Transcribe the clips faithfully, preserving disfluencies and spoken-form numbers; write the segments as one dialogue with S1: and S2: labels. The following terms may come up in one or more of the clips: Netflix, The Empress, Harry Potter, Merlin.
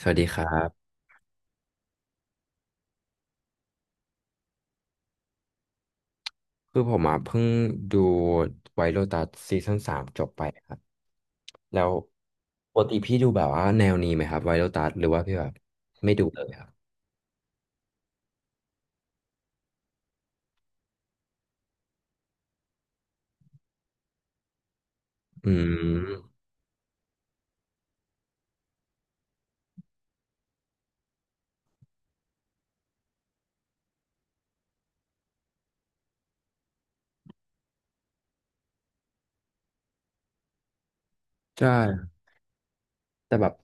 S1: สวัสดีครับคือผมอ่ะเพิ่งดูไวท์โ o ตัสซีซั่นสามจบไปครับแล้วปกติพี่ดูแบบว่าแนวนี้ไหมครับไวท์โ o ตัสหรือว่าพี่แบบไม่ดูเลยครับอืมใช่แต่แบบ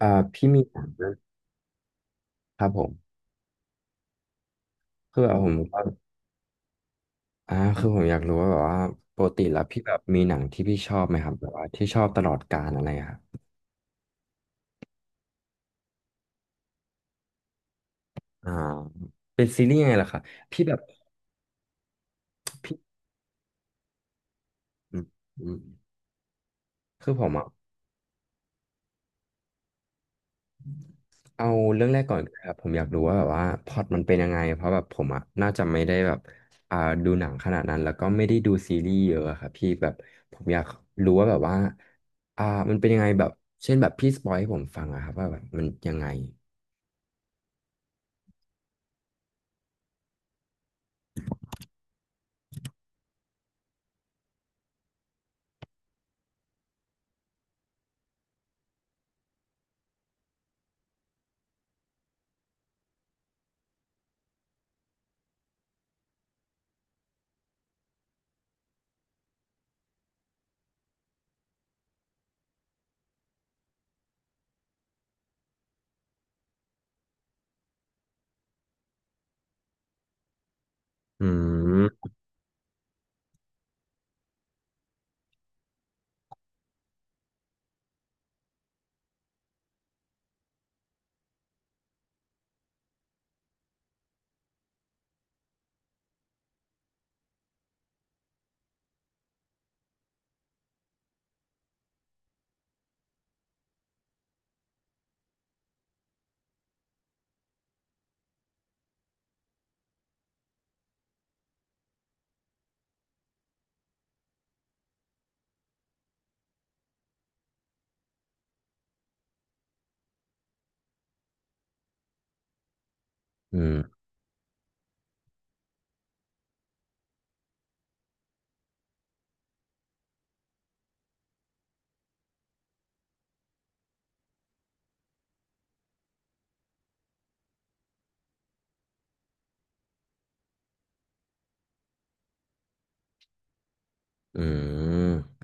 S1: อ่าพี่มีถามนะครับผมคือแบบผมก็อ่าคือผมอยากรู้ว่าแบบว่าปกติแล้วพี่แบบมีหนังที่พี่ชอบไหมครับแบบว่าที่ชอบตลอดกาลอะไรอะครับอ่าเป็นซีรีส์ยังไงล่ะครับพี่แบบพี่อืมอืมคือผมอ่ะ เอาเรื่องแรกก่อนครับผมอยากรู้ว่าแบบว่าพล็อตมันเป็นยังไงเพราะแบบผมอ่ะน่าจะไม่ได้แบบอ่าดูหนังขนาดนั้นแล้วก็ไม่ได้ดูซีรีส์เยอะอะครับพี่แบบผมอยากรู้ว่าแบบว่าอ่ามันเป็นยังไงแบบเช่นแบบพี่สปอยให้ผมฟังอะครับว่าแบบมันยังไงอืมอืมอืม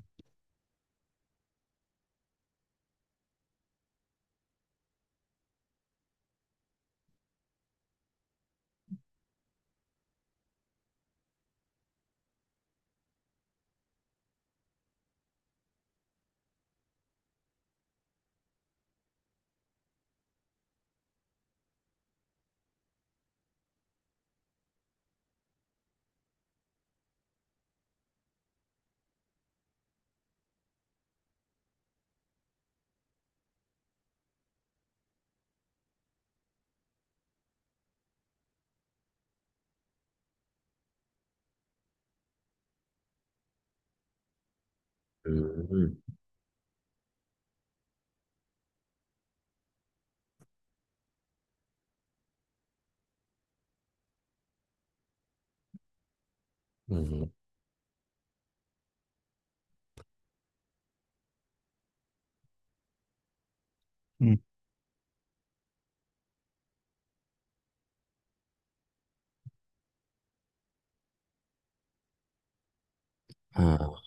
S1: อืมอืมอืมอ่า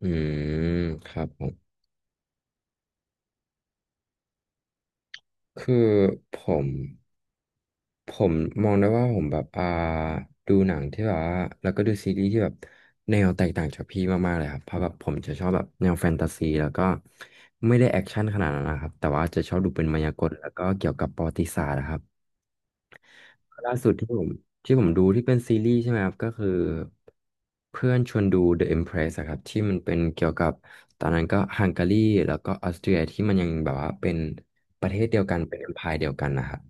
S1: อืมครับผมคือผม ผมมองได้ว่าผมแบบอ่าดูหนังที่แบบว่าแล้วก็ดูซีรีส์ที่แบบแนวแตกต่างจากพี่มากๆเลยครับเพราะแบบผมจะชอบแบบแนวแฟนตาซีแล้วก็ไม่ได้แอคชั่นขนาดนั้นนะครับแต่ว่าจะชอบดูเป็นมายากลแล้วก็เกี่ยวกับประวัติศาสตร์นะครับ ล่าสุดที่ผมที่ผมดูที่เป็นซีรีส์ใช่ไหมครับก็คือเพื่อนชวนดู The Empress อะครับที่มันเป็นเกี่ยวกับตอนนั้นก็ฮังการีแล้วก็ออสเตรียที่มันยังแบบว่าเป็นประเทศเดียวกันเป็น e m ม i r e เดียวกันนะครับ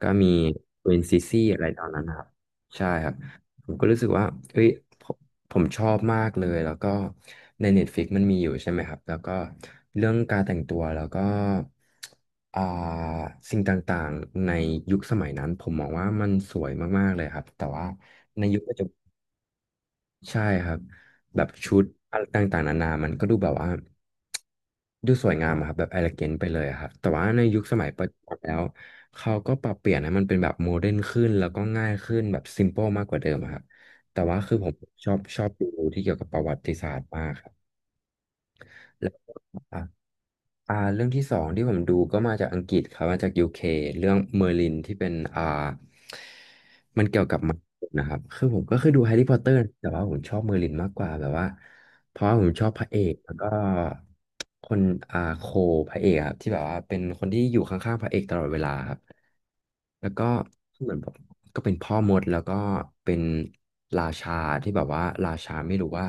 S1: ก็มีควีนซิซี่อะไรตอนนั้นนะครับใช่ครับ ผมก็รู้สึกว่าเฮ้ยผมผมชอบมากเลย แล้วก็ใน Netflix มันมีอยู่ใช่ไหมครับ แล้วก็เรื่องการแต่งตัว แล้วก็อ่าสิ่งต่างๆในยุคสมัยนั้น ผมมองว่ามันสวยมากๆเลยครับ แต่ว่าในยุคปัจจุบัน ใช่ครับแบบชุดอะไรต่างๆนานามันก็ดูแบบว่าดูสวยงามอะครับแบบ e l เล g a น t ไปเลยอะครับแต่ว่าในยุคสมัยปัจจุบันแล้วเขาก็ปรับเปลี่ยนให้มันเป็นแบบโมเดิร์นขึ้นแล้วก็ง่ายขึ้นแบบ s ิมอะครพบแต่ว่าคือผมชอบชอบดูที่เกี่ยวกับประวัติศาสตร์มากครับ อ่ะอ่าเรื่องที่สองที่ผมดูก็มาจากอังกฤษครับมาจากยูเคเรื่องเมอร์ลินที่เป็นอ่ามันเกี่ยวกับมังกรนะครับคือผมก็เคยดูแฮร์รี่พอตเตอร์แต่ว่าผมชอบเมอร์ลินมากกว่าแบบว่าเพราะว่าผมชอบพระเอกแล้วก็คนอ่าโคพระเอกครับที่แบบว่าเป็นคนที่อยู่ข้างๆพระเอกตลอดเวลาครับแล้วก็เหมือนแบบก็เป็นพ่อมดแล้วก็เป็นราชาที่แบบว่าราชาไม่รู้ว่า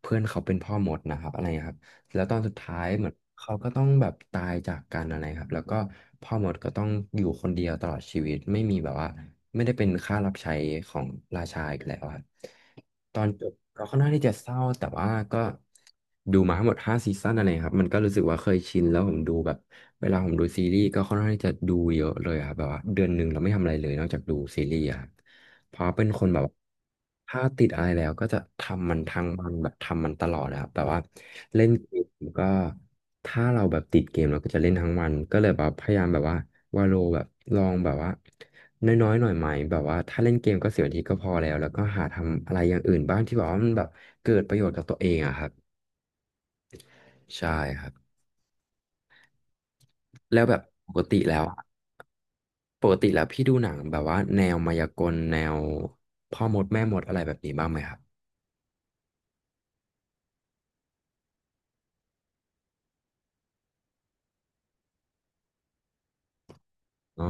S1: เพื่อนเขาเป็นพ่อมดนะครับอะไรครับ แล้วตอนสุดท้ายเหมือนเขาก็ต้องแบบตายจากกันอะไรครับแล้วก็พ่อมดก็ต้องอยู่คนเดียวตลอดชีวิตไม่มีแบบว่าไม่ได้เป็นข้ารับใช้ของราชาอีกแล้วครับตอนจบก็ค่อนข้างที่จะเศร้าแต่ว่าก็ดูมาทั้งหมดห้าซีซั่นอะไรครับมันก็รู้สึกว่าเคยชินแล้วผมดูแบบเวลาผมดูซีรีส์ก็ค่อนข้างที่จะดูเยอะเลยครับแบบว่าเดือนหนึ่งเราไม่ทำอะไรเลยนอกจากดูซีรีส์อะครับ เพราะเป็นคนแบบถ้าติดอะไรแล้วก็จะทำมันทั้งวันแบบทำมันตลอดนะครับแบบว่าเล่นเกมก็ถ้าเราแบบติดเกมเราก็จะเล่นทั้งวันก็เลยแบบพยายามแบบว่าวาโลแบบลองแบบว่าน้อยๆหน่อยไหมแบบว่าถ้าเล่นเกมก็สิบนาทีก็พอแล้วแล้วก็หาทำอะไรอย่างอื่นบ้างที่แบบว่ามันแบบเกิดประโยชน์กับตัวเองอะครับใช่ครับแล้วแบบปกติแล้วอะปกติแล้วพี่ดูหนังแบบว่าแนวมายากลแนวพ่อมดแม่มดอะไรแบบนี้บ้างไหมครับอ๋อ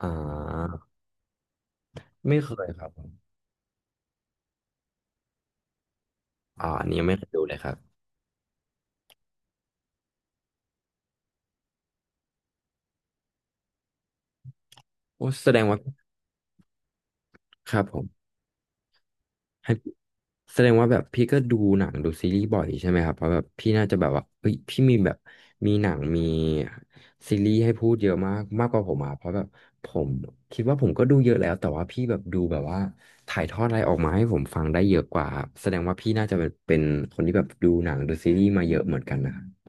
S1: อ่า ไม่เคยครับผมอ่าอันนี้ยังไม่เคยดูเลยครับโอ้แสดงว่าครับผมให้แสดงว่าแบบพี่ก็ดูหนังดูซีรีส์บ่อยใช่ไหมครับเพราะแบบพี่น่าจะแบบว่าเฮ้ยพี่มีแบบมีหนังมีซีรีส์ให้พูดเยอะมากมากกว่าผมอ่ะเพราะแบบผมคิดว่าผมก็ดูเยอะแล้วแต่ว่าพี่แบบดูแบบว่าถ่ายทอดอะไรออกมาให้ผมฟังได้เยอะกว่าครับแสดงว่าพี่น่าจะเป็นเป็นคนที่แบบดูหนังดูซีรีส์มาเยอะเหมือนกันนะครับ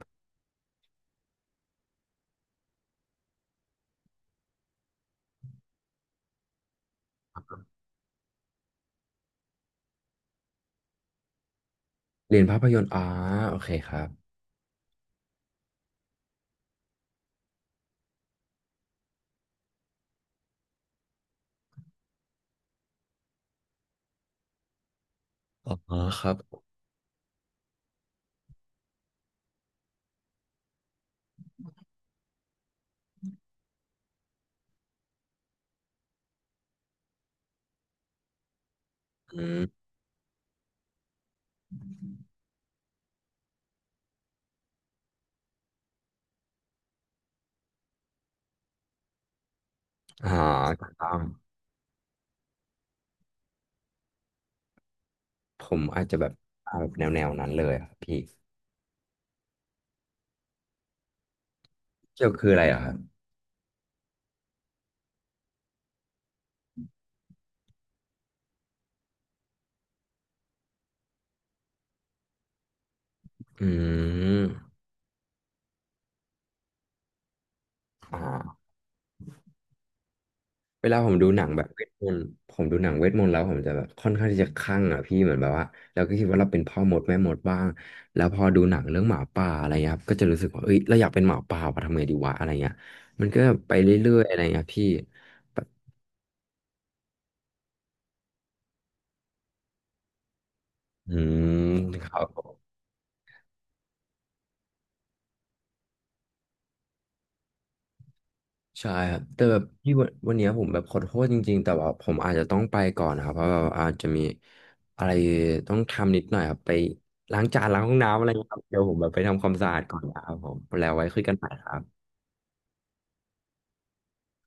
S1: เรียนภาพยนตร์อ่าโอเคครับอ๋อครับอืมอ่า ผมอาจจะแบบเอาแนวแนวนั้นเลยอะครับพี่เกี่ยวคืออะไรเหรอครับอืมอ่าเวลาผมดูหนังแบบเวทมนต์ผมดูหนังเวทมนต์แล้วผมจะแบบค่อนข้างที่จะคลั่งอะพี่เหมือนแบบว่าเราก็คิดว่าเราเป็นพ่อมดแม่มดบ้างแล้วพอดูหนังเรื่องหมาป่าอะไรเงี้ยครับก็จะรู้สึกว่าเอ้ยเราอยากเป็นหมาป่าว่ะทำไงดีวะอะไรเงี้ยมันก็ไปเรื่อยๆอะไรเงี้ยพี่แบบอืมครับ ใช่ครับแต่แบบพี่วันวันเนี้ยผมแบบขอโทษจริงๆแต่ว่าผมอาจจะต้องไปก่อนนะครับเพราะว่าอาจจะมีอะไรต้องทำนิดหน่อยครับไปล้างจานล้างห้องน้ำอะไรเงี้ยครับเดี๋ยวผมแบบไปทำความสะอาดก่อนนะครับผมแล้วไว้คุยกันใหม่ครับ